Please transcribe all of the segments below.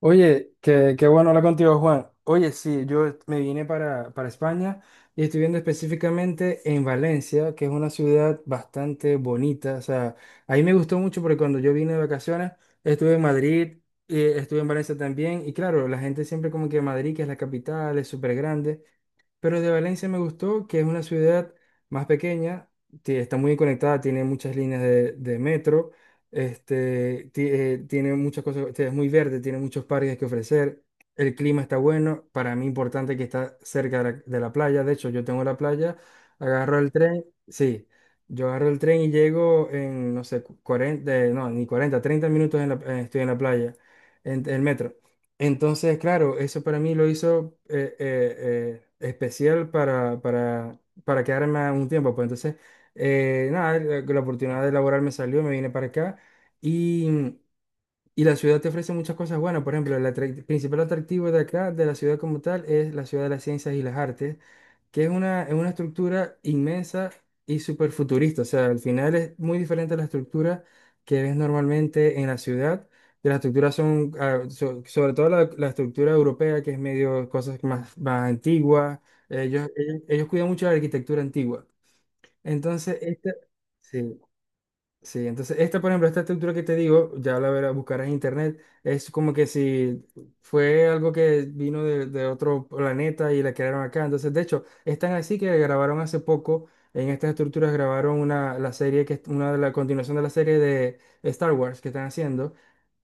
Oye, qué bueno hablar contigo, Juan. Oye, sí, yo me vine para España y estoy viendo específicamente en Valencia, que es una ciudad bastante bonita. O sea, ahí me gustó mucho porque cuando yo vine de vacaciones, estuve en Madrid, estuve en Valencia también. Y claro, la gente siempre como que Madrid, que es la capital, es súper grande. Pero de Valencia me gustó que es una ciudad más pequeña, que está muy conectada, tiene muchas líneas de metro. Este, tiene muchas cosas, este, es muy verde, tiene muchos parques que ofrecer. El clima está bueno. Para mí, importante que está cerca de la playa. De hecho, yo tengo la playa, agarro el tren. Sí, yo agarro el tren y llego en, no sé, 40, no, ni 40, 30 minutos en estoy en la playa, en el metro. Entonces, claro, eso para mí lo hizo especial para quedarme un tiempo. Pues entonces, nada, la oportunidad de laborar me salió, me vine para acá. Y, y la ciudad te ofrece muchas cosas buenas. Por ejemplo, el principal atractivo de acá, de la ciudad como tal, es la ciudad de las ciencias y las artes, que es es una estructura inmensa y súper futurista. O sea, al final es muy diferente a la estructura que ves normalmente en la ciudad. Que las estructuras son, ah, sobre todo la estructura europea, que es medio cosas más antiguas. Ellos cuidan mucho la arquitectura antigua. Entonces, esta, sí. Sí, entonces esta, por ejemplo, esta estructura que te digo, ya la verás, buscarás en internet, es como que si fue algo que vino de otro planeta y la crearon acá. Entonces, de hecho, es tan así que grabaron hace poco, en estas estructuras grabaron la serie que es una de la continuación de la serie de Star Wars que están haciendo.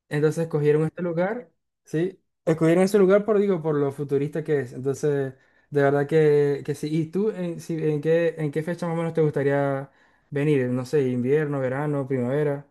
Entonces escogieron este lugar, sí, escogieron ese lugar por, digo, por lo futurista que es. Entonces, de verdad que sí. ¿Y tú en, si- en qué fecha más o menos te gustaría venir? No sé, invierno, verano, primavera.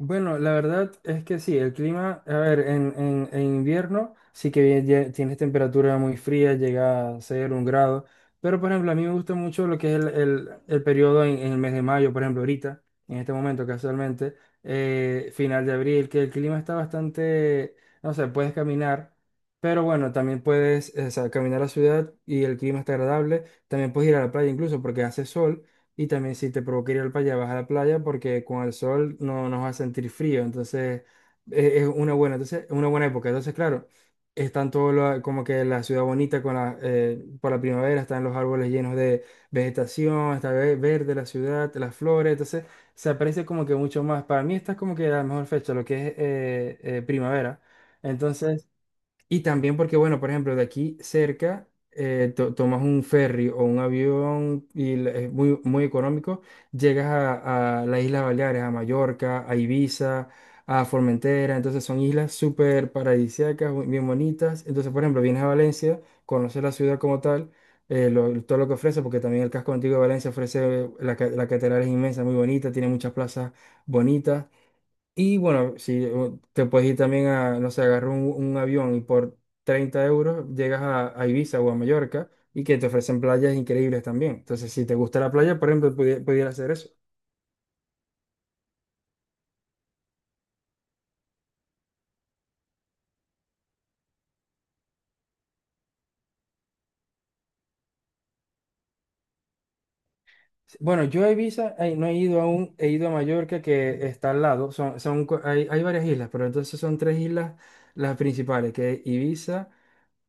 Bueno, la verdad es que sí, el clima, a ver, en invierno sí que bien tienes temperatura muy fría, llega a ser un grado, pero por ejemplo, a mí me gusta mucho lo que es el periodo en el mes de mayo, por ejemplo, ahorita, en este momento casualmente, final de abril, que el clima está bastante, no sé, puedes caminar, pero bueno, también puedes, o sea, caminar a la ciudad y el clima está agradable, también puedes ir a la playa incluso porque hace sol. Y también si te provoca ir al playa, vas a la playa porque con el sol no nos va a sentir frío. Entonces es, una buena, entonces, es una buena época. Entonces, claro, están todo como que la ciudad bonita con la, por la primavera, están los árboles llenos de vegetación, está verde la ciudad, las flores. Entonces se aprecia como que mucho más. Para mí esta es como que la mejor fecha, lo que es primavera. Entonces y también porque, bueno, por ejemplo, de aquí cerca tomas un ferry o un avión y es muy económico, llegas a las Islas Baleares, a Mallorca, a Ibiza, a Formentera, entonces son islas súper paradisíacas, bien bonitas. Entonces, por ejemplo, vienes a Valencia, conoces la ciudad como tal, todo lo que ofrece, porque también el casco antiguo de Valencia ofrece, la catedral es inmensa, muy bonita, tiene muchas plazas bonitas. Y bueno, si o te puedes ir también a, no sé, agarrar un avión y por 30 euros llegas a Ibiza o a Mallorca y que te ofrecen playas increíbles también. Entonces, si te gusta la playa, por ejemplo, pudiera hacer eso. Sí, bueno, yo a Ibiza no he ido aún, he ido a Mallorca que está al lado, hay, hay varias islas, pero entonces son tres islas las principales, que es Ibiza,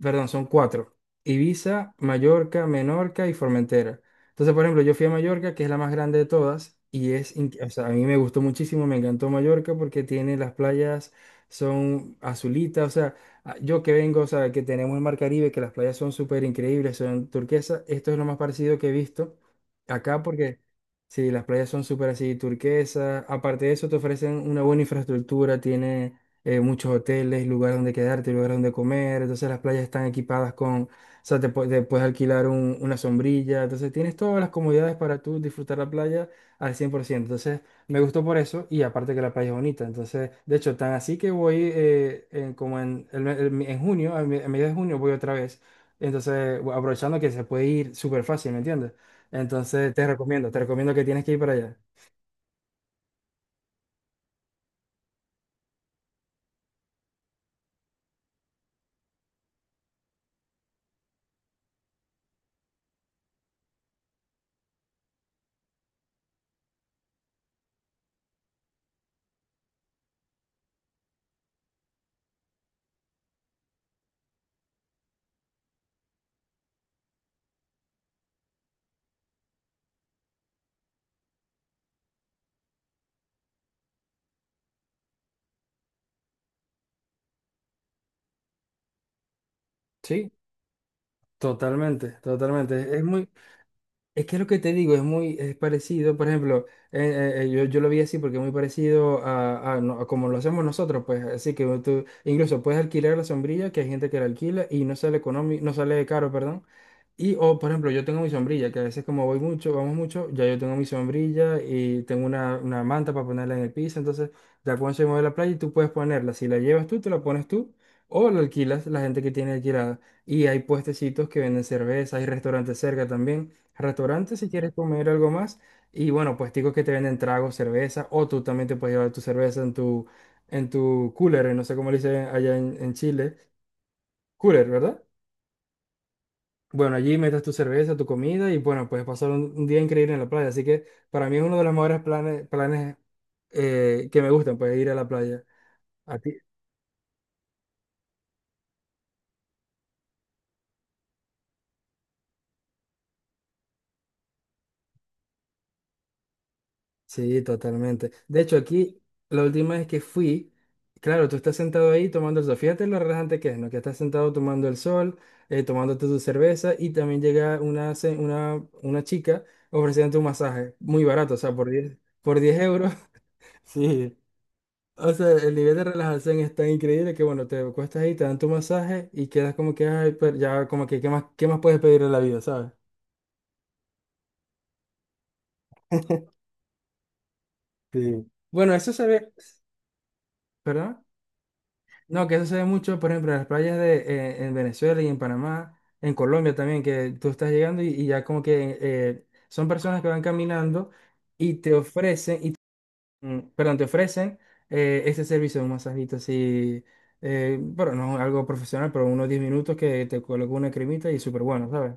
perdón, son cuatro, Ibiza, Mallorca, Menorca y Formentera. Entonces, por ejemplo, yo fui a Mallorca, que es la más grande de todas, y es, o sea, a mí me gustó muchísimo, me encantó Mallorca porque tiene las playas, son azulitas, o sea, yo que vengo, o sea, que tenemos el Mar Caribe, que las playas son súper increíbles, son turquesas, esto es lo más parecido que he visto. Acá porque sí, las playas son súper así turquesas. Aparte de eso, te ofrecen una buena infraestructura, tiene muchos hoteles, lugar donde quedarte, lugar donde comer. Entonces las playas están equipadas con, o sea, te puedes alquilar una sombrilla. Entonces tienes todas las comodidades para tú disfrutar la playa al 100%. Entonces me gustó por eso y aparte que la playa es bonita. Entonces, de hecho, tan así que voy en- como en, el- me- en junio, a mediados de junio voy otra vez. Entonces, aprovechando que se puede ir súper fácil, ¿me entiendes? Entonces te recomiendo que tienes que ir para allá. Sí, totalmente. Es muy, es que lo que te digo es muy es parecido, por ejemplo, yo lo vi así porque es muy parecido a a como lo hacemos nosotros, pues así que tú incluso puedes alquilar la sombrilla, que hay gente que la alquila y no sale económico, no sale caro, perdón. Y, o por ejemplo, yo tengo mi sombrilla, que a veces como voy mucho, vamos mucho, ya yo tengo mi sombrilla y tengo una manta para ponerla en el piso, entonces ya cuando se mueve la playa y tú puedes ponerla, si la llevas tú, te la pones tú o la alquilas la gente que tiene alquilada. Y hay puestecitos que venden cerveza, hay restaurantes cerca también restaurante si quieres comer algo más. Y bueno, puesticos que te venden tragos, cerveza, o tú también te puedes llevar tu cerveza en en tu cooler, no sé cómo le dicen allá en Chile. Cooler, ¿verdad? Bueno, allí metes tu cerveza, tu comida y bueno, puedes pasar un día increíble en la playa. Así que para mí es uno de los mejores planes que me gustan, pues ir a la playa. Sí, totalmente. De hecho, aquí la última vez que fui, claro, tú estás sentado ahí tomando el sol. Fíjate lo relajante que es, ¿no? Que estás sentado tomando el sol, tomándote tu cerveza y también llega una chica ofreciéndote un masaje muy barato, o sea, por 10 euros. Sí. O sea, el nivel de relajación es tan increíble que, bueno, te cuestas ahí, te dan tu masaje y quedas como que, ay, pero ya, como que, ¿qué más puedes pedir en la vida, ¿sabes? Sí. Bueno, eso se ve, ¿verdad? No, que eso se ve mucho, por ejemplo, en las playas de, en Venezuela y en Panamá, en Colombia también, que tú estás llegando y ya como que son personas que van caminando y te ofrecen, perdón, te ofrecen este servicio de un masajito así, bueno, no algo profesional, pero unos 10 minutos que te coloca una cremita y súper bueno, ¿sabes?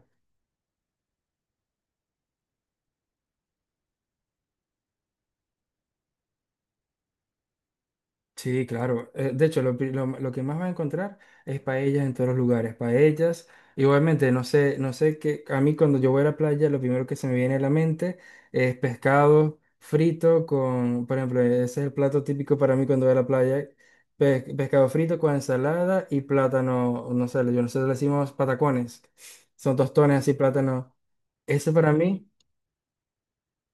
Sí, claro. De hecho, lo que más vas a encontrar es paellas en todos los lugares. Paellas, igualmente, no sé qué. A mí cuando yo voy a la playa, lo primero que se me viene a la mente es pescado frito con, por ejemplo, ese es el plato típico para mí cuando voy a la playa. Pe pescado frito con ensalada y plátano, no sé, yo nosotros le decimos patacones. Son tostones así, plátano. Ese para mí.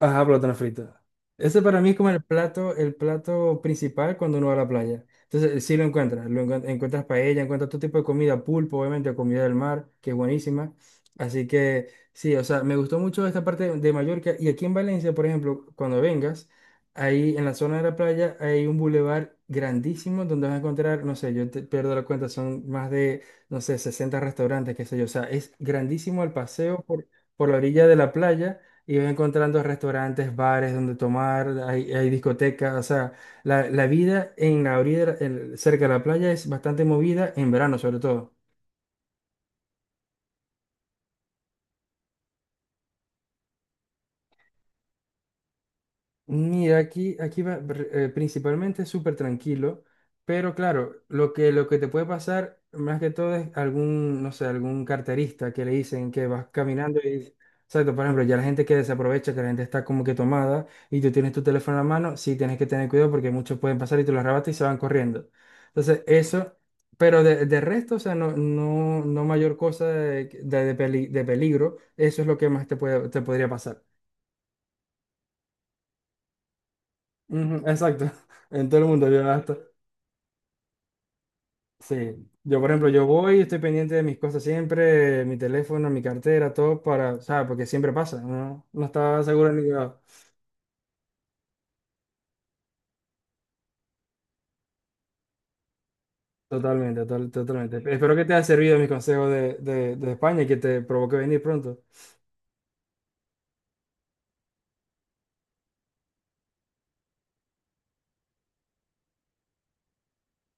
Ajá, plátano frito. Ese para mí es como sí, el el plato principal cuando uno va a la playa. Entonces, sí lo encuentras, encuentras paella, encuentras todo tipo de comida, pulpo, obviamente, comida del mar, que es buenísima. Así que, sí, o sea, me gustó mucho esta parte de Mallorca. Y aquí en Valencia, por ejemplo, cuando vengas, ahí en la zona de la playa hay un bulevar grandísimo donde vas a encontrar, no sé, yo te pierdo la cuenta, son más de, no sé, 60 restaurantes, qué sé yo. O sea, es grandísimo el paseo por la orilla de la playa y vas encontrando restaurantes, bares donde tomar, hay discotecas, o sea, la vida en la orilla, cerca de la playa es bastante movida en verano sobre todo. Mira, principalmente es súper tranquilo, pero claro, lo que te puede pasar más que todo es algún, no sé, algún carterista que le dicen que vas caminando y, exacto, por ejemplo, ya la gente que desaprovecha, que la gente está como que tomada y tú tienes tu teléfono en la mano, sí tienes que tener cuidado porque muchos pueden pasar y te lo arrebatas y se van corriendo. Entonces, eso, pero de resto, o sea, no mayor cosa de, de de peligro, eso es lo que más te puede, te podría pasar. Ujú, exacto, en todo el mundo. Yo hasta, sí, yo por ejemplo, yo voy, estoy pendiente de mis cosas siempre, mi teléfono, mi cartera, todo para, o sea, porque siempre pasa, no, no estaba seguro en ningún lado. Totalmente, totalmente. Espero que te haya servido mis consejos de España y que te provoque venir pronto.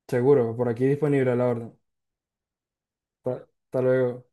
Seguro, por aquí disponible a la orden. Hasta luego.